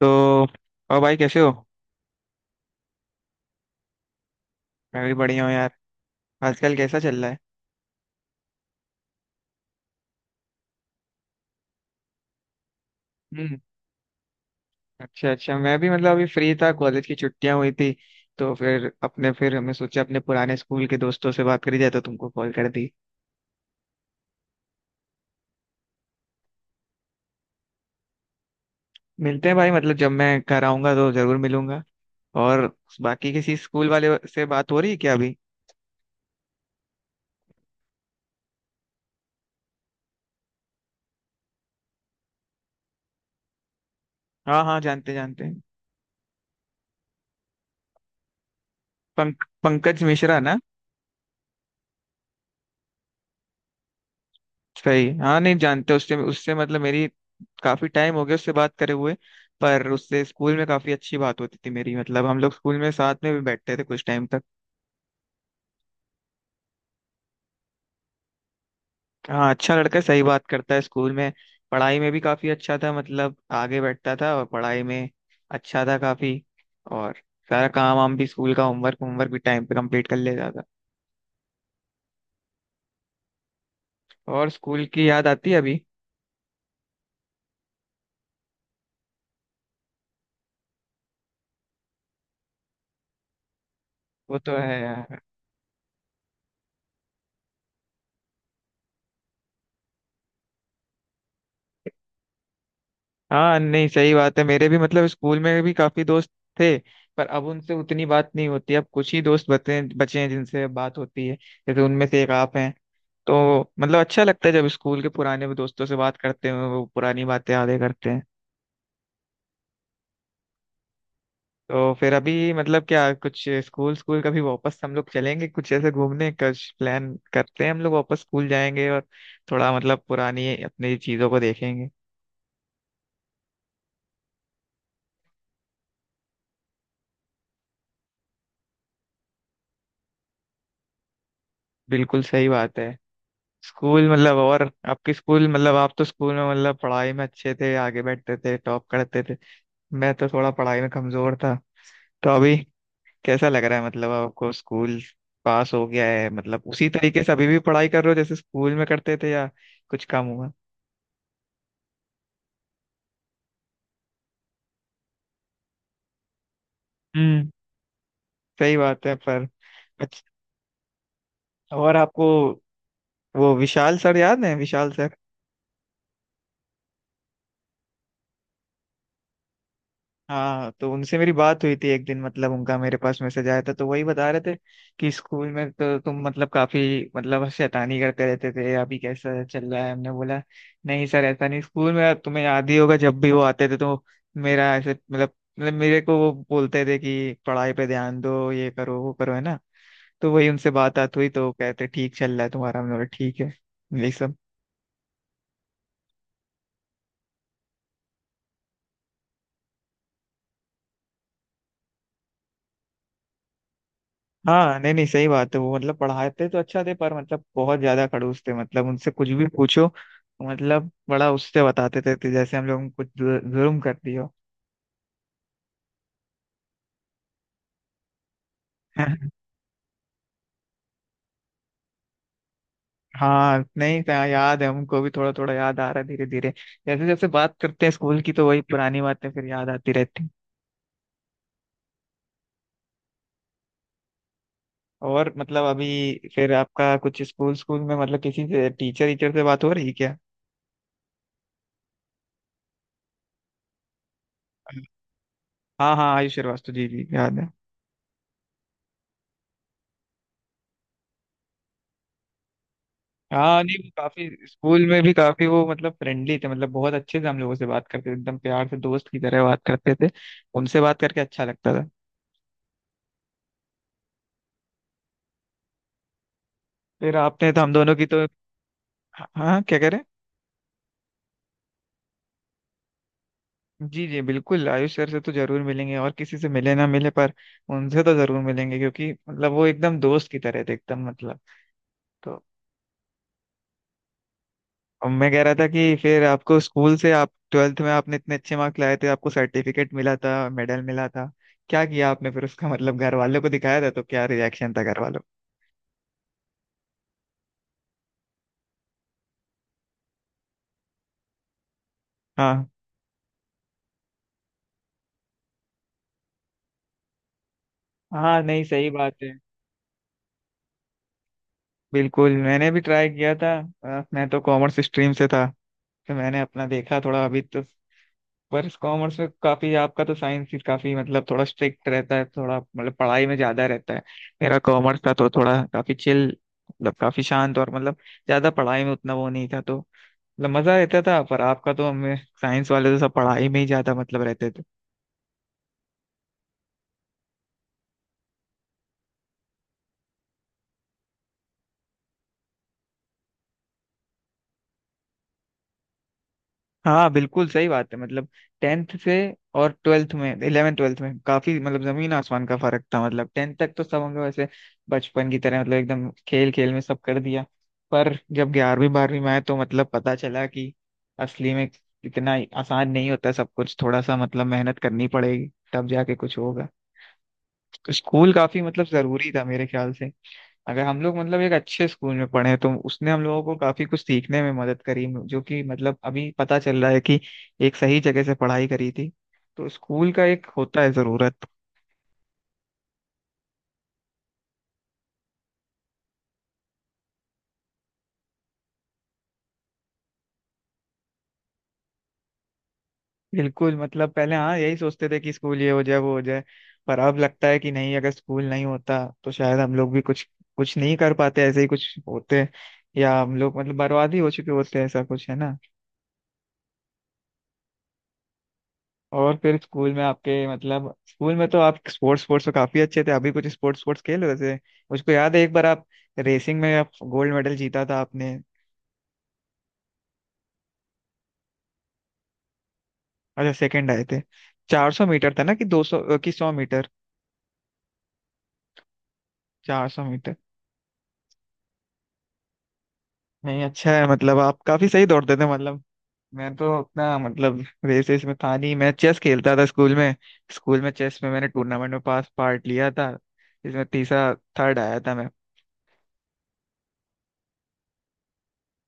तो, और भाई कैसे हो? मैं भी बढ़िया हूँ यार। आजकल कैसा चल रहा है? हम्म। अच्छा अच्छा, मैं भी मतलब अभी फ्री था, कॉलेज की छुट्टियां हुई थी तो फिर अपने फिर हमने सोचा अपने पुराने स्कूल के दोस्तों से बात करी जाए तो तुमको कॉल कर दी। मिलते हैं भाई, मतलब जब मैं घर आऊंगा तो जरूर मिलूंगा। और बाकी किसी स्कूल वाले से बात हो रही है क्या अभी? हाँ हाँ, जानते जानते हैं। पंकज मिश्रा ना? सही, हाँ नहीं जानते, उससे उससे मतलब मेरी काफी टाइम हो गया उससे बात करे हुए। पर उससे स्कूल में काफी अच्छी बात होती थी मेरी, मतलब हम लोग स्कूल में साथ में भी बैठते थे कुछ टाइम तक। हाँ अच्छा लड़का है, सही बात करता है स्कूल में। पढ़ाई में भी काफी अच्छा था, मतलब आगे बैठता था और पढ़ाई में अच्छा था काफी। और सारा काम वाम भी, स्कूल का होमवर्क होमवर्क भी टाइम पे कंप्लीट कर लेता था। और स्कूल की याद आती है अभी? वो तो है यार। हाँ नहीं सही बात है, मेरे भी मतलब स्कूल में भी काफी दोस्त थे, पर अब उनसे उतनी बात नहीं होती। अब कुछ ही दोस्त बचे बचे हैं जिनसे बात होती है, जैसे उनमें से एक आप हैं। तो मतलब अच्छा लगता है जब स्कूल के पुराने दोस्तों से बात करते हैं, वो पुरानी बातें यादें करते हैं। तो फिर अभी मतलब क्या कुछ स्कूल स्कूल कभी वापस हम लोग चलेंगे कुछ ऐसे घूमने का प्लान करते हैं, हम लोग वापस स्कूल जाएंगे और थोड़ा मतलब पुरानी अपनी चीजों को देखेंगे। बिल्कुल सही बात है। स्कूल मतलब, और आपके स्कूल मतलब आप तो स्कूल में मतलब पढ़ाई में अच्छे थे, आगे बैठते थे, टॉप करते थे। मैं तो थोड़ा पढ़ाई में कमजोर था। तो अभी कैसा लग रहा है मतलब आपको, स्कूल पास हो गया है मतलब उसी तरीके से अभी भी पढ़ाई कर रहे हो जैसे स्कूल में करते थे या कुछ कम हुआ? हम्म। सही बात है पर। अच्छा। और आपको वो विशाल सर याद है, विशाल सर? हाँ तो उनसे मेरी बात हुई थी एक दिन, मतलब उनका मेरे पास मैसेज आया था तो वही बता रहे थे कि स्कूल में तो तुम मतलब काफी मतलब शैतानी करते रहते थे, अभी कैसा चल रहा है। हमने बोला नहीं सर, ऐसा नहीं। स्कूल में तुम्हें याद ही होगा, जब भी वो आते थे तो मेरा ऐसे मतलब मेरे को वो बोलते थे कि पढ़ाई पे ध्यान दो, ये करो वो करो, है ना। तो वही उनसे बात बात हुई तो कहते ठीक चल रहा है तुम्हारा, हमने बोला ठीक है। यही सब। हाँ नहीं नहीं सही बात है, वो मतलब पढ़ाते तो अच्छा थे पर मतलब बहुत ज्यादा खड़ूस थे। मतलब उनसे कुछ भी पूछो मतलब बड़ा उससे बताते थे कि जैसे हम लोग कुछ जुर्म कर दियो। हाँ नहीं था याद है, हमको भी थोड़ा थोड़ा याद आ रहा है धीरे धीरे, जैसे जैसे बात करते हैं स्कूल की तो वही पुरानी बातें फिर याद आती रहती हैं। और मतलब अभी फिर आपका कुछ स्कूल स्कूल में मतलब किसी से टीचर टीचर से बात हो रही है क्या? हाँ हाँ आयुष श्रीवास्तव, जी जी याद है। हाँ नहीं वो काफी स्कूल में भी काफी वो मतलब फ्रेंडली थे, मतलब बहुत अच्छे से हम लोगों से बात करते थे, एकदम प्यार से, दोस्त की तरह बात करते थे। उनसे बात करके अच्छा लगता था। फिर आपने तो हम दोनों की तो। हाँ हाँ, क्या करें। जी जी बिल्कुल, आयुष सर से तो जरूर मिलेंगे, और किसी से मिले ना मिले पर उनसे तो जरूर मिलेंगे, क्योंकि मतलब वो एकदम दोस्त की तरह थे, एकदम मतलब। तो। अब मैं कह रहा था कि फिर आपको स्कूल से, आप ट्वेल्थ में आपने इतने अच्छे मार्क्स लाए थे, आपको सर्टिफिकेट मिला था, मेडल मिला था, क्या किया आपने फिर उसका मतलब घर वालों को दिखाया था तो क्या रिएक्शन था घर वालों का? हाँ। हाँ नहीं सही बात है। बिल्कुल मैंने भी ट्राई किया था। मैं तो कॉमर्स स्ट्रीम से था, तो मैंने अपना देखा थोड़ा अभी तो। पर कॉमर्स में काफी, आपका तो साइंस ही काफी मतलब थोड़ा स्ट्रिक्ट रहता है, थोड़ा मतलब पढ़ाई में ज्यादा रहता है। मेरा कॉमर्स था तो थोड़ा काफी चिल, मतलब काफी शांत और मतलब ज्यादा पढ़ाई में उतना वो नहीं था तो मतलब मजा रहता था। पर आपका तो हमें, साइंस वाले तो सब पढ़ाई में ही ज्यादा मतलब रहते थे। हाँ बिल्कुल सही बात है। मतलब टेंथ से और ट्वेल्थ में, इलेवेंथ ट्वेल्थ में काफी मतलब जमीन आसमान का फर्क था। मतलब टेंथ तक तो सब हम लोग ऐसे बचपन की तरह मतलब एकदम खेल खेल में सब कर दिया, पर जब ग्यारहवीं बारहवीं में आए तो मतलब पता चला कि असली में इतना आसान नहीं होता सब कुछ, थोड़ा सा मतलब मेहनत करनी पड़ेगी तब जाके कुछ होगा। स्कूल काफी मतलब जरूरी था मेरे ख्याल से, अगर हम लोग मतलब एक अच्छे स्कूल में पढ़े तो उसने हम लोगों को काफी कुछ सीखने में मदद करी, जो कि मतलब अभी पता चल रहा है कि एक सही जगह से पढ़ाई करी थी। तो स्कूल का एक होता है जरूरत। बिल्कुल मतलब पहले हाँ यही सोचते थे कि स्कूल ये हो जाए वो हो जाए, पर अब लगता है कि नहीं, अगर स्कूल नहीं होता तो शायद हम लोग भी कुछ कुछ नहीं कर पाते, ऐसे ही कुछ होते या हम लोग मतलब बर्बाद ही हो चुके होते, ऐसा कुछ है ना। और फिर स्कूल में आपके मतलब, स्कूल में तो आप स्पोर्ट्स स्पोर्ट्स में काफी अच्छे थे, अभी कुछ स्पोर्ट्स स्पोर्ट्स खेल रहे थे? मुझको याद है एक बार आप रेसिंग में आप गोल्ड मेडल जीता था आपने। अच्छा, सेकंड आए थे। 400 मीटर था ना, कि 200, कि 100 मीटर? 400 मीटर। नहीं अच्छा है, मतलब आप काफी सही दौड़ते थे। मतलब मैं तो अपना मतलब रेसेस में था नहीं, मैं चेस खेलता था स्कूल में। स्कूल में चेस में मैंने टूर्नामेंट में पास पार्ट लिया था, इसमें तीसरा थर्ड आया था मैं।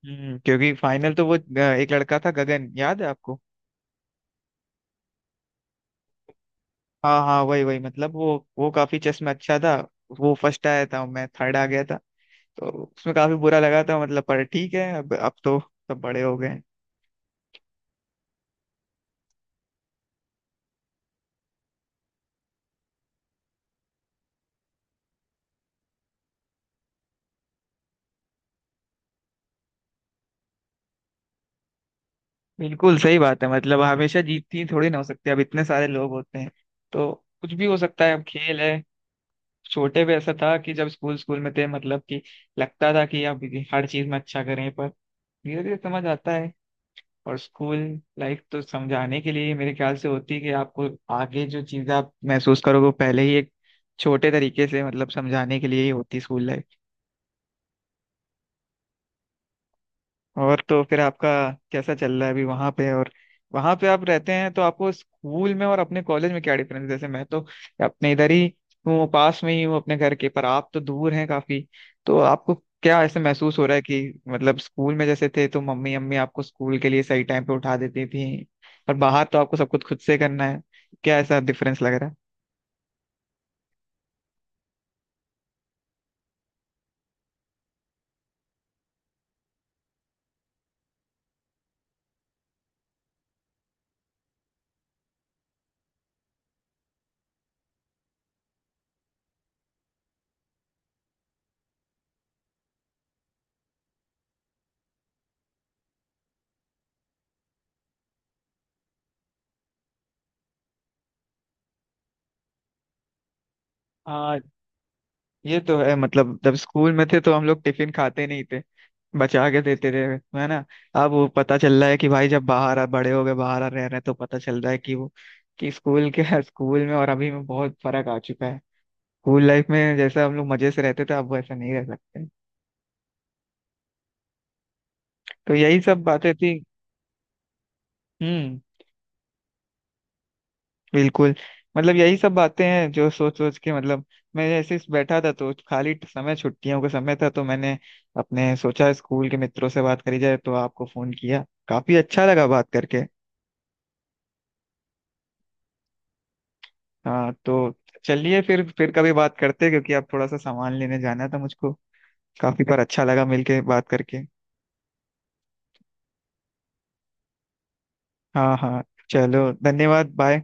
क्योंकि फाइनल तो वो एक लड़का था गगन, याद है आपको? हाँ हाँ वही वही, मतलब वो काफी चेस में अच्छा था। वो फर्स्ट आया था, मैं थर्ड आ गया था तो उसमें काफी बुरा लगा था, मतलब। पर ठीक है, अब तो सब बड़े हो गए हैं। बिल्कुल सही बात है, मतलब हमेशा जीतती थोड़ी ना हो सकती, अब इतने सारे लोग होते हैं तो कुछ भी हो सकता है, अब खेल है। छोटे पे ऐसा था कि जब स्कूल स्कूल में थे मतलब कि लगता था कि अब हर चीज में अच्छा करें, पर धीरे धीरे समझ आता है। और स्कूल लाइफ तो समझाने के लिए ही मेरे ख्याल से होती है कि आपको आगे जो चीज़ आप महसूस करोगे वो पहले ही एक छोटे तरीके से मतलब समझाने के लिए ही होती स्कूल लाइफ। और तो फिर आपका कैसा चल रहा है अभी वहां पे? और वहां पे आप रहते हैं तो आपको स्कूल में और अपने कॉलेज में क्या डिफरेंस है, जैसे मैं तो अपने इधर ही हूँ, पास में ही हूँ अपने घर के, पर आप तो दूर हैं काफी। तो आपको क्या ऐसे महसूस हो रहा है कि मतलब स्कूल में जैसे थे तो मम्मी अम्मी आपको स्कूल के लिए सही टाइम पे उठा देती थी, पर बाहर तो आपको सब कुछ खुद से करना है, क्या ऐसा डिफरेंस लग रहा है? ये तो है, मतलब जब स्कूल में थे तो हम लोग टिफिन खाते नहीं थे, बचा के देते थे, है ना। अब वो पता चल रहा है कि भाई जब बाहर आ, बड़े हो गए बाहर आ रह रहे हैं तो पता चल रहा है कि वो कि स्कूल के स्कूल में और अभी में बहुत फर्क आ चुका है। स्कूल लाइफ में जैसा हम लोग मजे से रहते थे अब वैसा नहीं रह सकते। तो यही सब बातें थी। हम्म। बिल्कुल मतलब यही सब बातें हैं जो सोच सोच के मतलब मैं ऐसे ही बैठा था, तो खाली समय, छुट्टियों का समय था तो मैंने अपने सोचा स्कूल के मित्रों से बात करी जाए तो आपको फोन किया, काफी अच्छा लगा बात करके। हाँ तो चलिए, फिर कभी बात करते हैं, क्योंकि अब थोड़ा सा सामान लेने जाना था मुझको। काफी, पर अच्छा लगा मिलके बात करके। हाँ हाँ, चलो धन्यवाद, बाय।